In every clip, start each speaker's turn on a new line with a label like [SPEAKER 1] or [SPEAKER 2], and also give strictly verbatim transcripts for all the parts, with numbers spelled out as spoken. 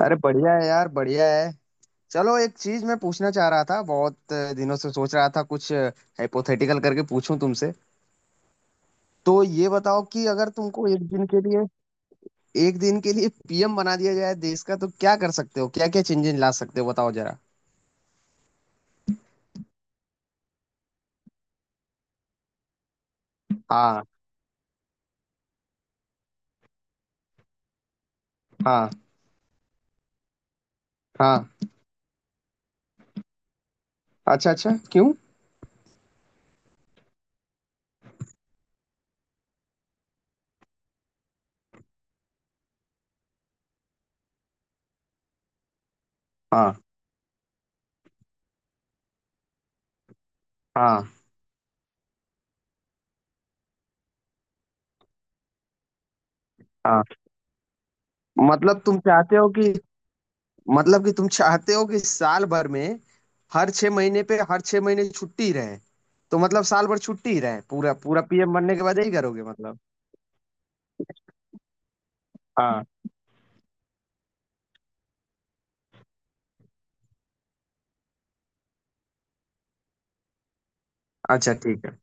[SPEAKER 1] अरे, बढ़िया है यार, बढ़िया है। चलो, एक चीज मैं पूछना चाह रहा था, बहुत दिनों से सोच रहा था कुछ हाइपोथेटिकल करके पूछूं तुमसे। तो ये बताओ कि अगर तुमको एक दिन के लिए एक दिन के लिए पीएम बना दिया जाए देश का, तो क्या कर सकते हो, क्या क्या चेंजेस ला सकते हो, बताओ जरा। हाँ। हाँ। हाँ। अच्छा, अच्छा, क्यों? हाँ। हाँ। हाँ। मतलब तुम चाहते हो कि, मतलब कि तुम चाहते हो कि साल भर में हर छह महीने पे, हर छह महीने छुट्टी रहे? तो मतलब साल भर छुट्टी ही रहे पूरा पूरा? पीएम बनने के बाद यही करोगे मतलब? हाँ। अच्छा, ठीक है।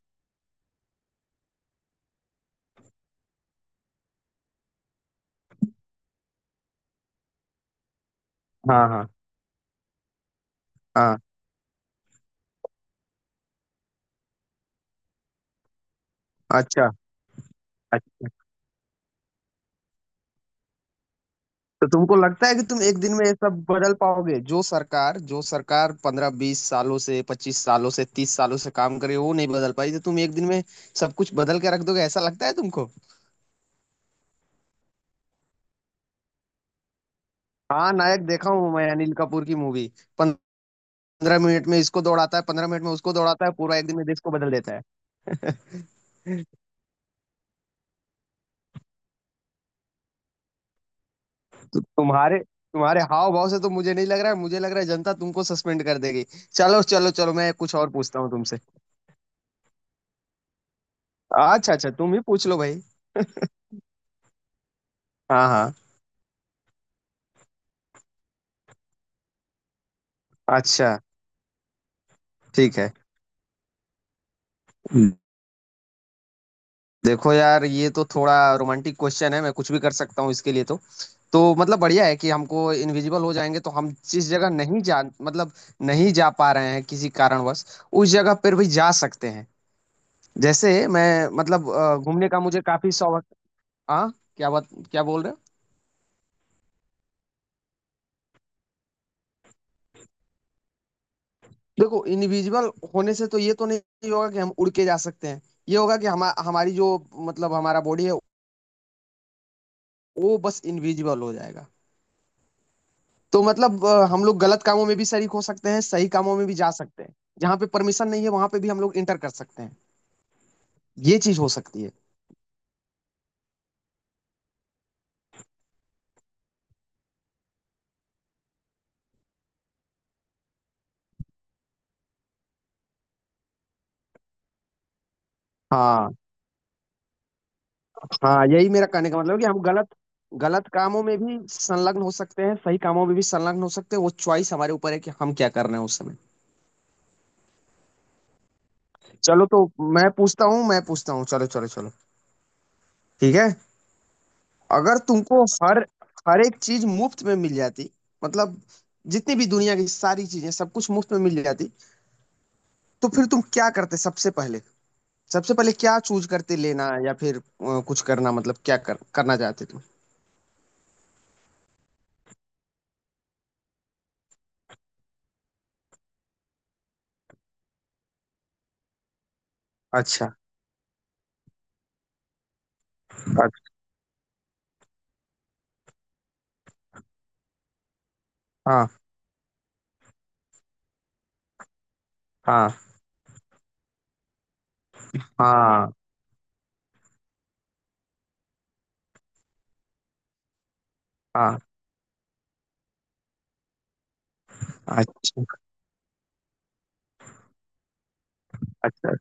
[SPEAKER 1] हाँ। हाँ। हाँ। अच्छा, अच्छा। तो तुमको लगता है कि तुम एक दिन में ये सब बदल पाओगे? जो सरकार जो सरकार पंद्रह बीस सालों से, पच्चीस सालों से, तीस सालों से काम करे वो नहीं बदल पाई, तो तुम एक दिन में सब कुछ बदल के रख दोगे? ऐसा लगता है तुमको? हाँ, नायक देखा हूँ मैं, अनिल कपूर की मूवी। पंद्रह मिनट में इसको दौड़ाता है, पंद्रह मिनट में उसको दौड़ाता है, पूरा एक दिन में देश को बदल देता है। तो तुम्हारे तुम्हारे हाव भाव से तो मुझे नहीं लग रहा है, मुझे लग रहा है जनता तुमको सस्पेंड कर देगी। चलो, चलो, चलो, मैं कुछ और पूछता हूँ तुमसे। अच्छा, अच्छा, तुम ही पूछ लो भाई। हाँ, हाँ। अच्छा, ठीक है। देखो यार, ये तो थोड़ा रोमांटिक क्वेश्चन है, मैं कुछ भी कर सकता हूँ इसके लिए तो। तो मतलब बढ़िया है कि हमको इनविजिबल हो जाएंगे तो हम जिस जगह नहीं जा, मतलब, नहीं जा पा रहे हैं किसी कारणवश, उस जगह पर भी जा सकते हैं। जैसे मैं मतलब अ, घूमने का मुझे काफी शौक। हाँ, क्या बात, क्या बोल रहे हो। देखो, इनविजिबल होने से तो ये तो नहीं होगा कि हम उड़ के जा सकते हैं। ये होगा कि हम, हमारी जो, मतलब हमारा बॉडी है, वो बस इनविजिबल हो जाएगा। तो मतलब अ, हम लोग गलत कामों में भी शरीक हो सकते हैं, सही कामों में भी जा सकते हैं। जहाँ पे परमिशन नहीं है वहां पे भी हम लोग इंटर कर सकते हैं। ये चीज हो सकती है। हाँ, हाँ, यही मेरा कहने का मतलब है कि हम गलत, गलत कामों में भी संलग्न हो सकते हैं, सही कामों में भी संलग्न हो सकते हैं। वो चॉइस हमारे ऊपर है कि हम क्या कर रहे हैं उस समय। चलो, तो मैं पूछता हूँ मैं पूछता हूँ, चलो, चलो, चलो, ठीक है। अगर तुमको हर हर एक चीज मुफ्त में मिल जाती, मतलब जितनी भी दुनिया की सारी चीजें सब कुछ मुफ्त में मिल जाती, तो फिर तुम क्या करते सबसे पहले? सबसे पहले क्या चूज करते, लेना या फिर अ, कुछ करना? मतलब क्या कर, करना चाहते तुम? अच्छा, अच्छा। हाँ। हाँ। हाँ। हाँ। अच्छा, अच्छा।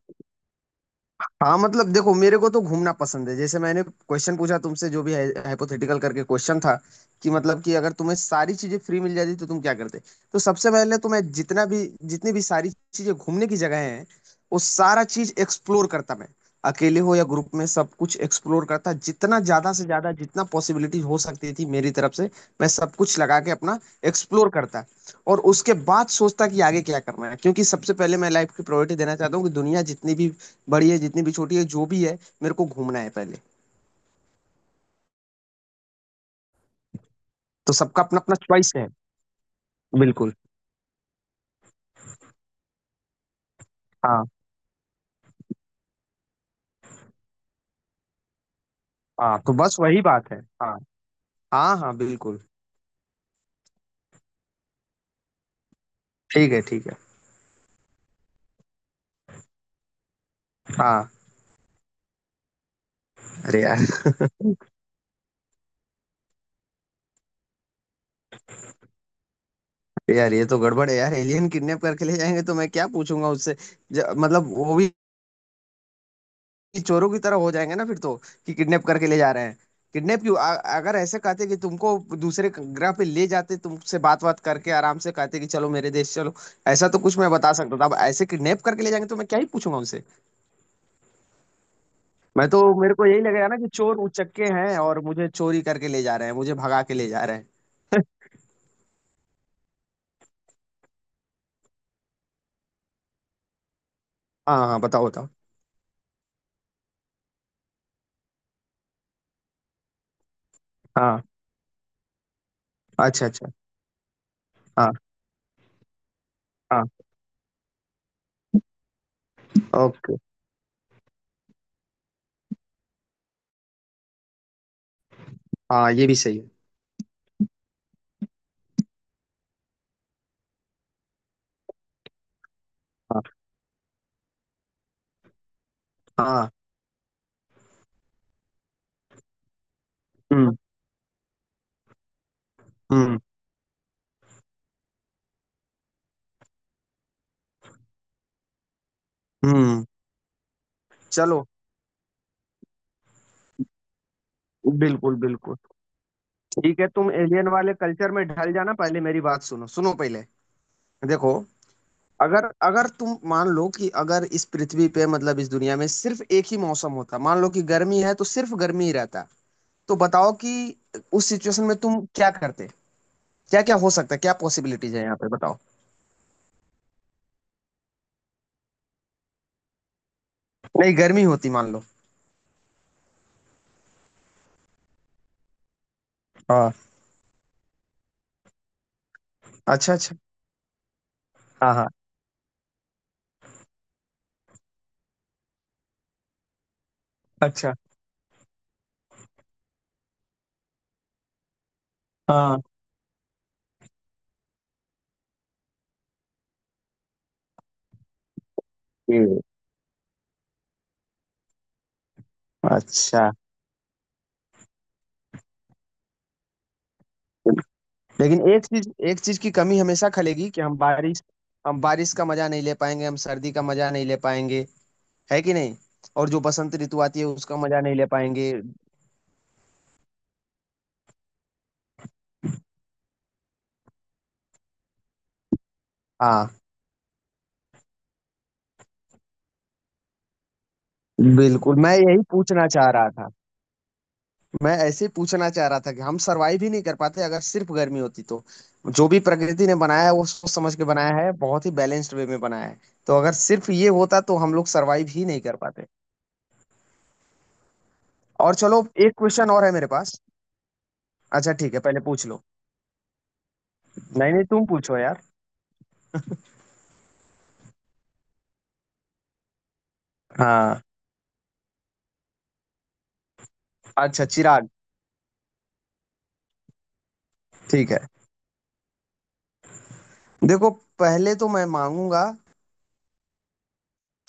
[SPEAKER 1] हाँ, मतलब देखो, मेरे को तो घूमना पसंद है। जैसे मैंने क्वेश्चन पूछा तुमसे, जो भी हाइपोथेटिकल करके क्वेश्चन था, कि मतलब कि अगर तुम्हें सारी चीजें फ्री मिल जाती तो तुम क्या करते। तो सबसे पहले तो मैं जितना भी, जितनी भी सारी चीजें घूमने की जगह हैं, वो सारा चीज एक्सप्लोर करता मैं। अकेले हो या ग्रुप में, सब कुछ एक्सप्लोर करता, जितना ज्यादा से ज्यादा, जितना पॉसिबिलिटी हो सकती थी मेरी तरफ से। मैं सब कुछ लगा के अपना एक्सप्लोर करता। और उसके बाद सोचता कि आगे क्या करना है, क्योंकि सबसे पहले मैं लाइफ की प्रायोरिटी देना चाहता हूँ कि दुनिया जितनी भी बड़ी है, जितनी भी छोटी है, जो भी है, मेरे को घूमना है पहले। तो सबका अपना अपना चॉइस है। बिल्कुल। हाँ, हाँ, तो बस वही बात है। हाँ। हाँ। हाँ। बिल्कुल। ठीक है, ठीक है। हाँ। अरे यार, यार ये तो गड़बड़ है यार। एलियन किडनैप करके ले जाएंगे तो मैं क्या पूछूंगा उससे? ज- मतलब वो भी चोरों की तरह हो जाएंगे ना फिर तो। कि किडनैप करके ले जा रहे हैं। किडनैप क्यों? अ- अगर ऐसे कहते कि तुमको दूसरे ग्रह पे ले जाते, तुमसे बात बात करके आराम से कहते कि चलो मेरे देश चलो, ऐसा तो कुछ मैं बता सकता था। अब ऐसे किडनैप करके ले जाएंगे तो मैं क्या ही पूछूंगा उनसे। मैं तो, मेरे को यही लगेगा ना कि चोर उचक्के हैं और मुझे चोरी करके ले जा रहे हैं, मुझे भगा के ले जा रहे हैं। हाँ, हाँ, बताओ, बताओ। हाँ। अच्छा, अच्छा। हाँ, हाँ। ओके। हाँ, ये भी सही है। हाँ, हाँ। हम्म, हम्म, हम्म। चलो। बिल्कुल, बिल्कुल। ठीक है, तुम एलियन वाले कल्चर में ढल जाना। पहले मेरी बात सुनो, सुनो पहले। देखो, अगर अगर तुम मान लो कि अगर इस पृथ्वी पे, मतलब इस दुनिया में, सिर्फ एक ही मौसम होता, मान लो कि गर्मी है तो सिर्फ गर्मी ही रहता, तो बताओ कि उस सिचुएशन में तुम क्या करते, क्या क्या हो सकता है, क्या पॉसिबिलिटीज है यहाँ पे, बताओ। नहीं, गर्मी होती मान लो। हाँ। अच्छा, अच्छा। हाँ, हाँ। अच्छा। हाँ। हम्म। अच्छा। लेकिन एक चीज एक चीज की कमी हमेशा खलेगी कि हम बारिश, हम बारिश का मजा नहीं ले पाएंगे, हम सर्दी का मजा नहीं ले पाएंगे, है कि नहीं? और जो बसंत ऋतु आती है उसका मजा नहीं ले पाएंगे। हाँ, बिल्कुल मैं यही पूछना चाह रहा था। मैं ऐसे ही पूछना चाह रहा था कि हम सरवाइव ही नहीं कर पाते अगर सिर्फ गर्मी होती तो। जो भी प्रकृति ने बनाया है वो सोच समझ के बनाया है, बहुत ही बैलेंस्ड वे में बनाया है। तो अगर सिर्फ ये होता तो हम लोग सरवाइव ही नहीं कर पाते। और चलो, एक क्वेश्चन और है मेरे पास। अच्छा, ठीक है, पहले पूछ लो। नहीं, नहीं, तुम पूछो यार। हाँ। अच्छा, चिराग। ठीक है, देखो, पहले तो मैं मांगूंगा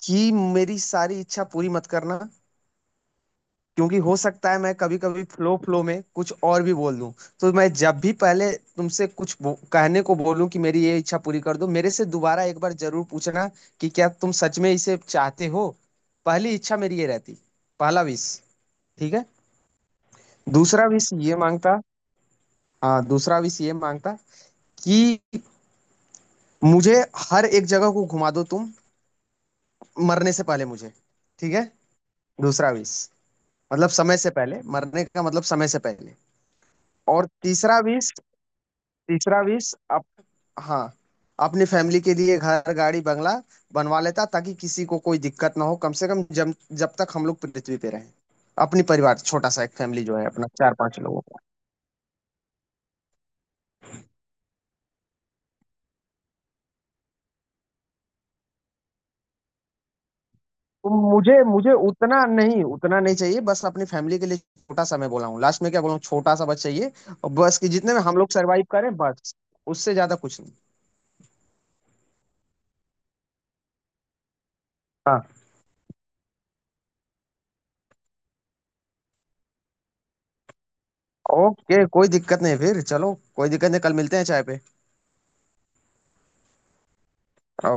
[SPEAKER 1] कि मेरी सारी इच्छा पूरी मत करना, क्योंकि हो सकता है मैं कभी कभी फ्लो फ्लो में कुछ और भी बोल दूं। तो मैं जब भी पहले तुमसे कुछ बो- कहने को बोलूं कि मेरी ये इच्छा पूरी कर दो, मेरे से दोबारा एक बार जरूर पूछना कि क्या तुम सच में इसे चाहते हो। पहली इच्छा मेरी ये रहती, पहला विश। ठीक है। दूसरा विश ये मांगता। हाँ, दूसरा विश ये मांगता कि मुझे हर एक जगह को घुमा दो तुम, मरने से पहले मुझे। ठीक है, दूसरा विश, मतलब समय से पहले मरने का मतलब, समय से पहले। और तीसरा विश, तीसरा विश हाँ, अपनी फैमिली के लिए घर, गाड़ी, बंगला बनवा लेता ताकि किसी को कोई दिक्कत ना हो, कम से कम जब जब तक हम लोग पृथ्वी पे रहें, अपनी परिवार छोटा सा एक फैमिली जो है अपना, चार पांच लोगों का। तो मुझे मुझे उतना नहीं, उतना नहीं चाहिए, बस अपनी फैमिली के लिए छोटा सा। मैं बोला हूँ लास्ट में क्या बोला हूँ, छोटा सा बस चाहिए। और बस कि जितने में हम लोग सरवाइव करें बस, उससे ज्यादा कुछ नहीं। हाँ, ओके, कोई दिक्कत नहीं, फिर चलो, कोई दिक्कत नहीं, कल मिलते हैं चाय पे।